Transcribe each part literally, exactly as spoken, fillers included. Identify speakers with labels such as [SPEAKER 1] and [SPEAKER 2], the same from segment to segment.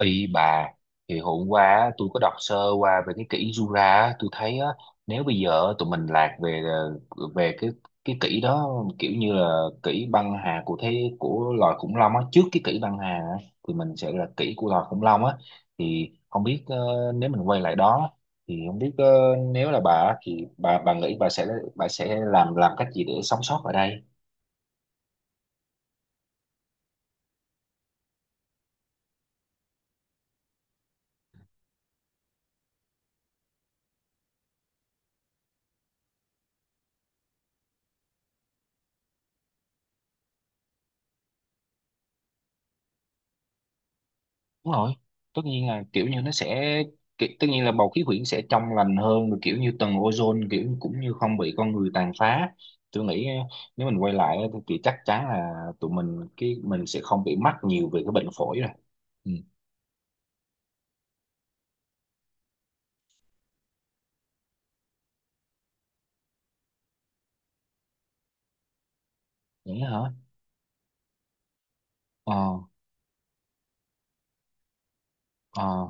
[SPEAKER 1] Y bà thì hôm qua á, tôi có đọc sơ qua về cái kỷ Jura á, tôi thấy á, nếu bây giờ tụi mình lạc về ờ, về cái cái kỷ đó, kiểu như là kỷ băng hà của thế của loài khủng long á, trước cái kỷ băng hà á, thì mình sẽ là kỷ của loài khủng long á. Thì không biết, ờ, nếu mình quay lại đó thì không biết, ờ, nếu là bà á, thì bà bà nghĩ bà sẽ bà sẽ làm làm cách gì để sống sót ở đây. Đúng rồi, tất nhiên là kiểu như nó sẽ ki- tất nhiên là bầu khí quyển sẽ trong lành hơn rồi, kiểu như tầng ozone kiểu cũng như không bị con người tàn phá. Tôi nghĩ eh, nếu mình quay lại thì thì chắc chắn là tụi mình cái mình sẽ không bị mắc nhiều về cái bệnh phổi rồi. Ừ, vậy hả? Ờ, ờ,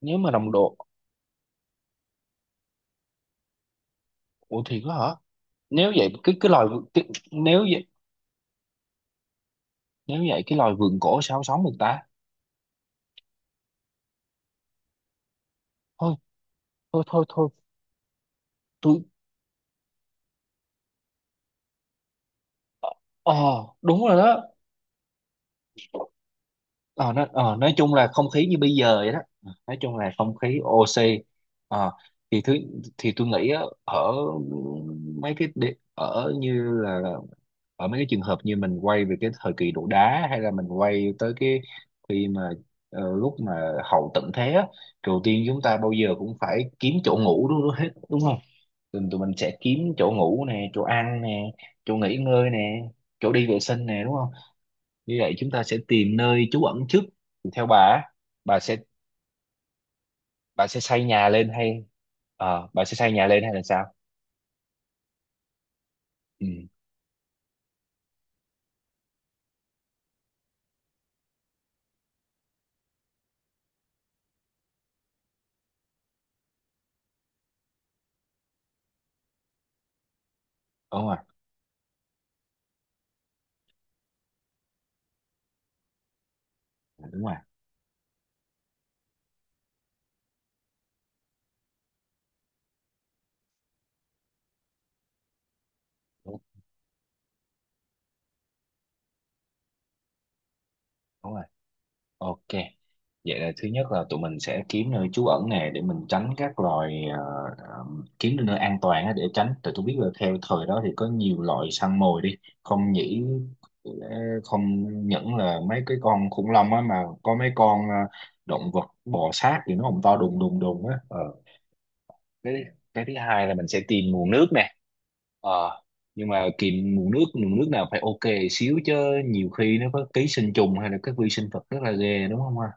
[SPEAKER 1] nếu mà đồng độ ủa thì có hả? Nếu vậy cái cái loài vượn- cái, nếu vậy, nếu vậy cái loài vượn cổ sao sống được ta? Thôi, thôi thôi thôi. Tôi ờ, ờ, đúng rồi đó. Ờ, nó, ờ, nói chung là không khí như bây giờ vậy đó, nói chung là không khí ô xê. Ờ, thì thứ thì tôi nghĩ á, ở mấy cái địa- ở như là ở mấy cái trường hợp như mình quay về cái thời kỳ đồ đá, hay là mình quay tới cái khi mà ờ, lúc mà hậu tận thế á, đầu tiên chúng ta bao giờ cũng phải kiếm chỗ ngủ đúng hết, đúng không? Tụi, tụi mình sẽ kiếm chỗ ngủ nè, chỗ ăn nè, chỗ nghỉ ngơi nè, chỗ đi vệ sinh nè, đúng không? Như vậy chúng ta sẽ tìm nơi trú ẩn trước. Thì theo bà á, bà sẽ bà sẽ xây nhà lên hay ờ, bà sẽ xây nhà lên hay là sao? Ừ, đúng rồi, đúng rồi, đúng, đúng rồi. Ok, vậy là thứ nhất là tụi mình sẽ kiếm nơi trú ẩn nè, để mình tránh các loài ờ, ờ, kiếm được nơi an toàn á, để tránh, tại tôi biết là theo thời đó thì có nhiều loại săn mồi đi, không nhỉ? Ờ, không, những là mấy cái con khủng long á mà có mấy con ờ, động vật bò sát thì nó cũng to đùng đùng đùng á. Ờ, cái cái thứ hai là mình sẽ tìm nguồn nước nè. Ờ, nhưng mà tìm nguồn nước, nguồn nước nào phải ok xíu chứ, nhiều khi nó có ký sinh trùng hay là các vi sinh vật rất là ghê, đúng không ha?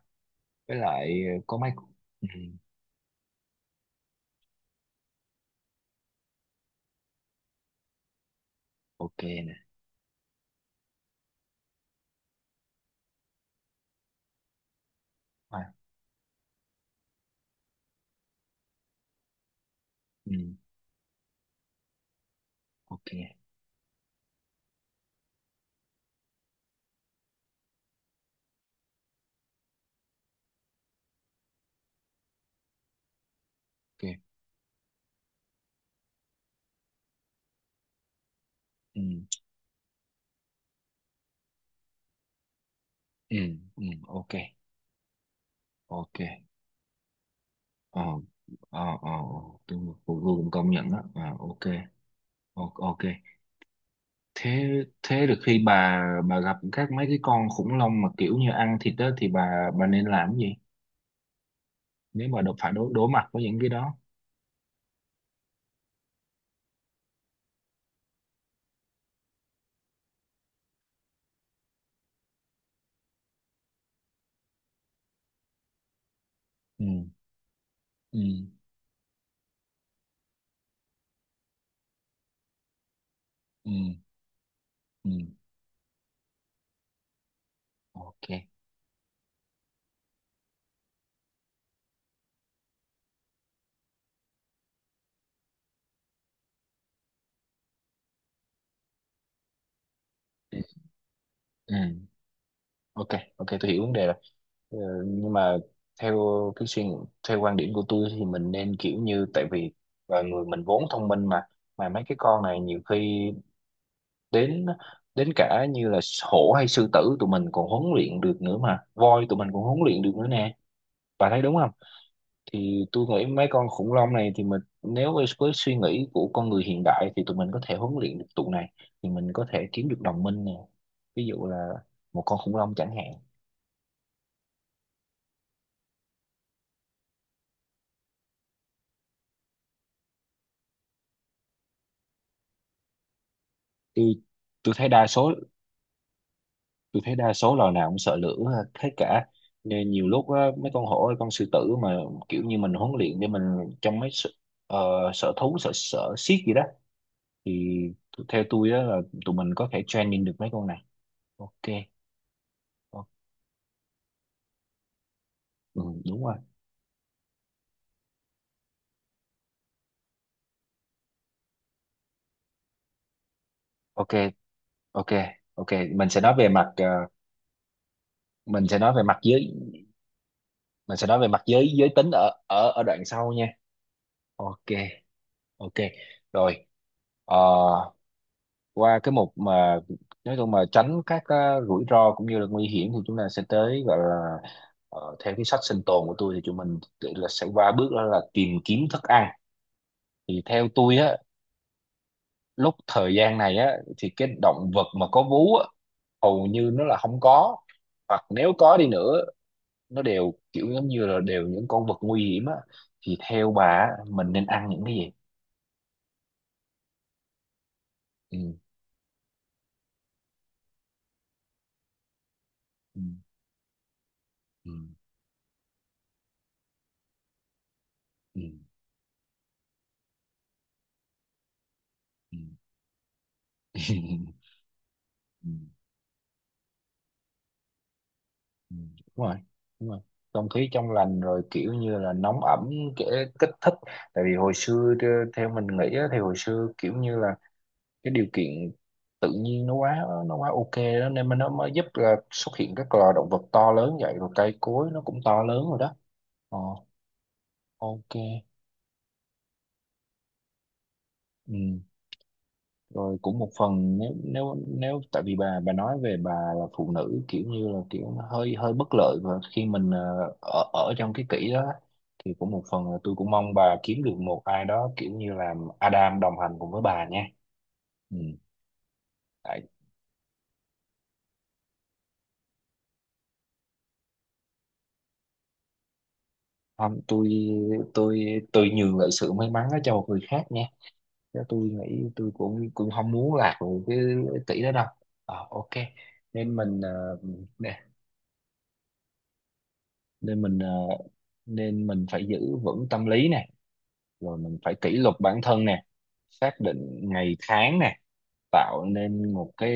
[SPEAKER 1] Với lại ờ, có mấy ừ, ok nè. À, ừ, ok. Ok. Ừ, ừ, ừ, ok. Ok. Ờ, ờ, ờ, ờ, tôi tôi cũng công nhận đó. À, ok. O- ok. Thế, thế được, khi bà bà gặp các mấy cái con khủng long mà kiểu như ăn thịt đó thì bà bà nên làm cái gì nếu mà đột phải đối đối mặt với những cái đó? Ừ. Ừ. Ừ. Ừ. Ok. Ừ. Ừ. Ok. Ok, tôi hiểu vấn đề rồi. Ờ, nhưng mà theo cái suy theo quan điểm của tôi thì mình nên kiểu như, tại vì là người mình vốn thông minh mà mà mấy cái con này nhiều khi đến, đến cả như là hổ hay sư tử tụi mình còn huấn luyện được nữa mà, voi tụi mình còn huấn luyện được nữa nè, bà thấy đúng không? Thì tôi nghĩ mấy con khủng long này thì mình nếu với với suy nghĩ của con người hiện đại thì tụi mình có thể huấn luyện được tụi này, thì mình có thể kiếm được đồng minh nè, ví dụ là một con khủng long chẳng hạn. Tôi, tôi thấy đa số, tôi thấy đa số loài nào cũng sợ lửa hết. Thế cả nên nhiều lúc á, mấy con hổ hay con sư tử mà kiểu như mình huấn luyện để mình trong mấy sở, uh, sở thú, sở sở xiếc gì đó, thì t- theo tôi á là tụi mình có thể training được mấy con này. Ok. Ờ, ừ, đúng rồi. Ok. Ok. Ok. Mình sẽ nói về mặt ờ, mình sẽ nói về mặt giới mình sẽ nói về mặt giới giới tính ở ở ở đoạn sau nha. Ok. Ok. Rồi. Ờ, qua cái mục mà nói chung mà tránh các ờ, rủi ro cũng như là nguy hiểm thì chúng ta sẽ tới gọi là ờ, theo cái sách sinh tồn của tôi thì chúng mình tự là sẽ qua bước đó là tìm kiếm thức ăn. Thì theo tôi á, lúc thời gian này á, thì cái động vật mà có vú á hầu như nó là không có, hoặc nếu có đi nữa nó đều kiểu giống như là đều những con vật nguy hiểm á. Thì theo bà á, mình nên ăn những cái gì? Ừ, ừ, ừ, ừ, ừ. Ừ, ừ. Đúng rồi, đúng rồi, không khí trong lành rồi, kiểu như là nóng ẩm, kể kích thích tại vì hồi xưa tơ- theo mình nghĩ á, thì hồi xưa kiểu như là cái điều kiện tự nhiên nó quá, nó quá ok đó, nên mà nó mới giúp là xuất hiện các loài động vật to lớn vậy, rồi cây cối nó cũng to lớn rồi đó. Ờ, ok. Ừ, rồi cũng một phần, nếu nếu nếu tại vì bà bà nói về bà là phụ nữ, kiểu như là kiểu nó hơi, hơi bất lợi và khi mình ờ, ở ở trong cái kỷ đó, thì cũng một phần là tôi cũng mong bà kiếm được một ai đó kiểu như là Adam đồng hành cùng với bà nha. Ừ. Tại, không, tôi tôi tôi nhường lại sự may mắn đó cho một người khác nha, chứ tôi nghĩ tôi cũng, cũng không muốn lạc vào cái tỷ đó đâu. Ờ, ok, nên mình ờ, nè, nên mình ờ, nên mình phải giữ vững tâm lý nè, rồi mình phải kỷ luật bản thân nè, xác định ngày tháng nè, tạo nên một cái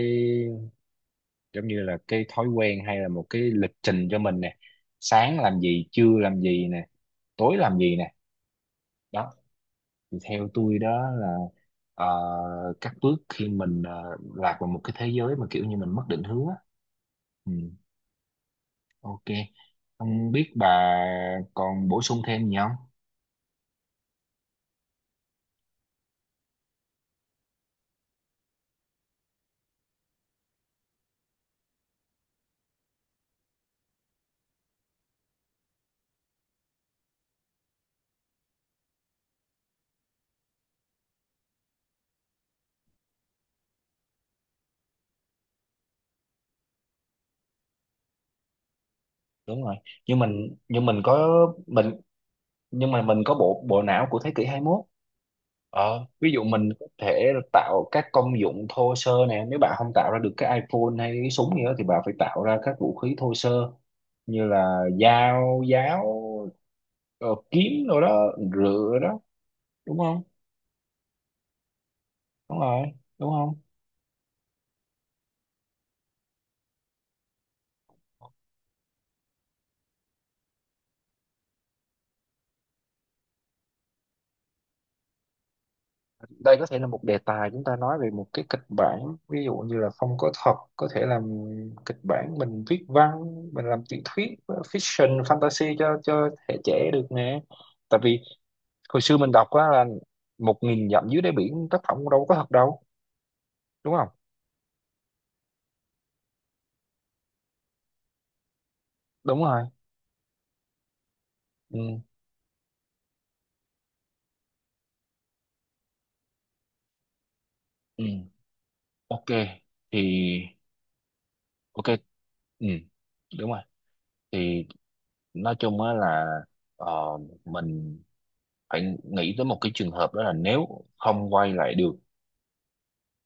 [SPEAKER 1] giống như là cái thói quen hay là một cái lịch trình cho mình nè, sáng làm gì, trưa làm gì nè, tối làm gì nè. Đó, thì theo tôi đó là ờ, các bước khi mình ờ, lạc vào một cái thế giới mà kiểu như mình mất định hướng á. Ừ, ok, không biết bà còn bổ sung thêm gì không? Đúng rồi, nhưng mình nhưng mình có mình nhưng mà mình có bộ bộ não của thế kỷ hai mươi mốt. Ờ, ví dụ mình có thể tạo các công dụng thô sơ nè, nếu bạn không tạo ra được cái iPhone hay cái súng gì đó thì bạn phải tạo ra các vũ khí thô sơ như là dao, giáo, ờ, kiếm rồi đó, rựa đó, đúng không? Đúng rồi, đúng không? Đây có thể là một đề tài chúng ta nói về một cái kịch bản, ví dụ như là không có thật, có thể làm kịch bản, mình viết văn, mình làm tiểu thuyết fiction fantasy cho cho thế hệ trẻ được nè. Tại vì hồi xưa mình đọc á là một nghìn dặm dưới đáy biển, tác phẩm đâu có thật đâu, đúng không? Đúng rồi. Ừ, ừ, ok. Thì ok, ừ, đúng rồi. Thì nói chung á là, ờ, mình phải nghĩ tới một cái trường hợp, đó là nếu không quay lại được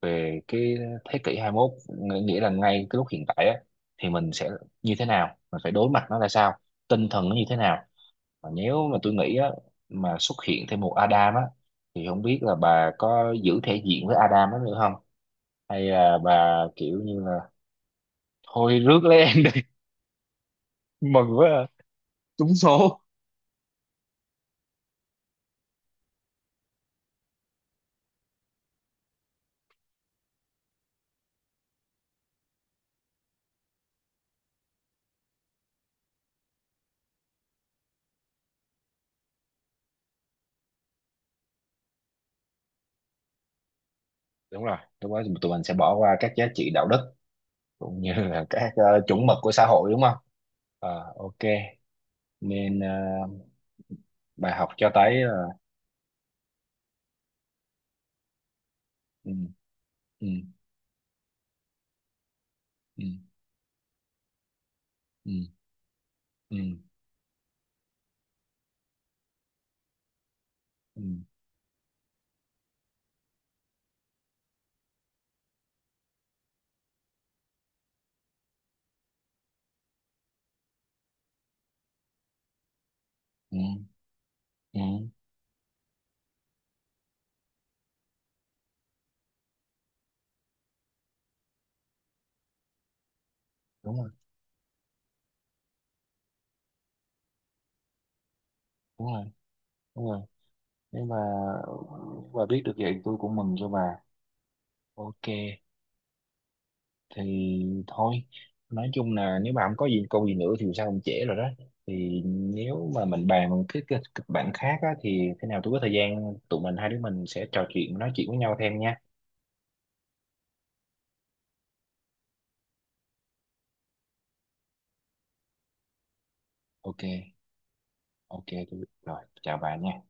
[SPEAKER 1] về cái thế kỷ hai mươi mốt, ng- nghĩa là ngay cái lúc hiện tại á, thì mình sẽ như thế nào, mình phải đối mặt nó ra sao, tinh thần nó như thế nào. Mà nếu mà tôi nghĩ á, mà xuất hiện thêm một Adam á, thì không biết là bà có giữ thể diện với Adam đó nữa không, hay là bà kiểu như là thôi rước lấy em đi mừng quá à. Đúng rồi, lúc đó tụi mình sẽ bỏ qua các giá trị đạo đức cũng như là các ờ, chuẩn mực của xã hội, đúng không? Ờ, ok, nên ờ, bài học cho thấy là ừ, ừ, ừ, ừ. Ừ, ừ, ừ, ừ, đúng rồi, đúng rồi, đúng rồi. Nhưng mà bà biết được vậy tôi cũng mừng cho bà. Ok, thì thôi, nói chung là nếu mà không có gì câu gì nữa thì sao cũng trễ rồi đó, thì nếu mà mình bàn một cái cái kịch bản khác á, thì thế nào tôi có thời gian tụi mình hai đứa mình sẽ trò chuyện, nói chuyện với nhau thêm nha. Ok. Ok, tôi biết rồi, chào bà nha.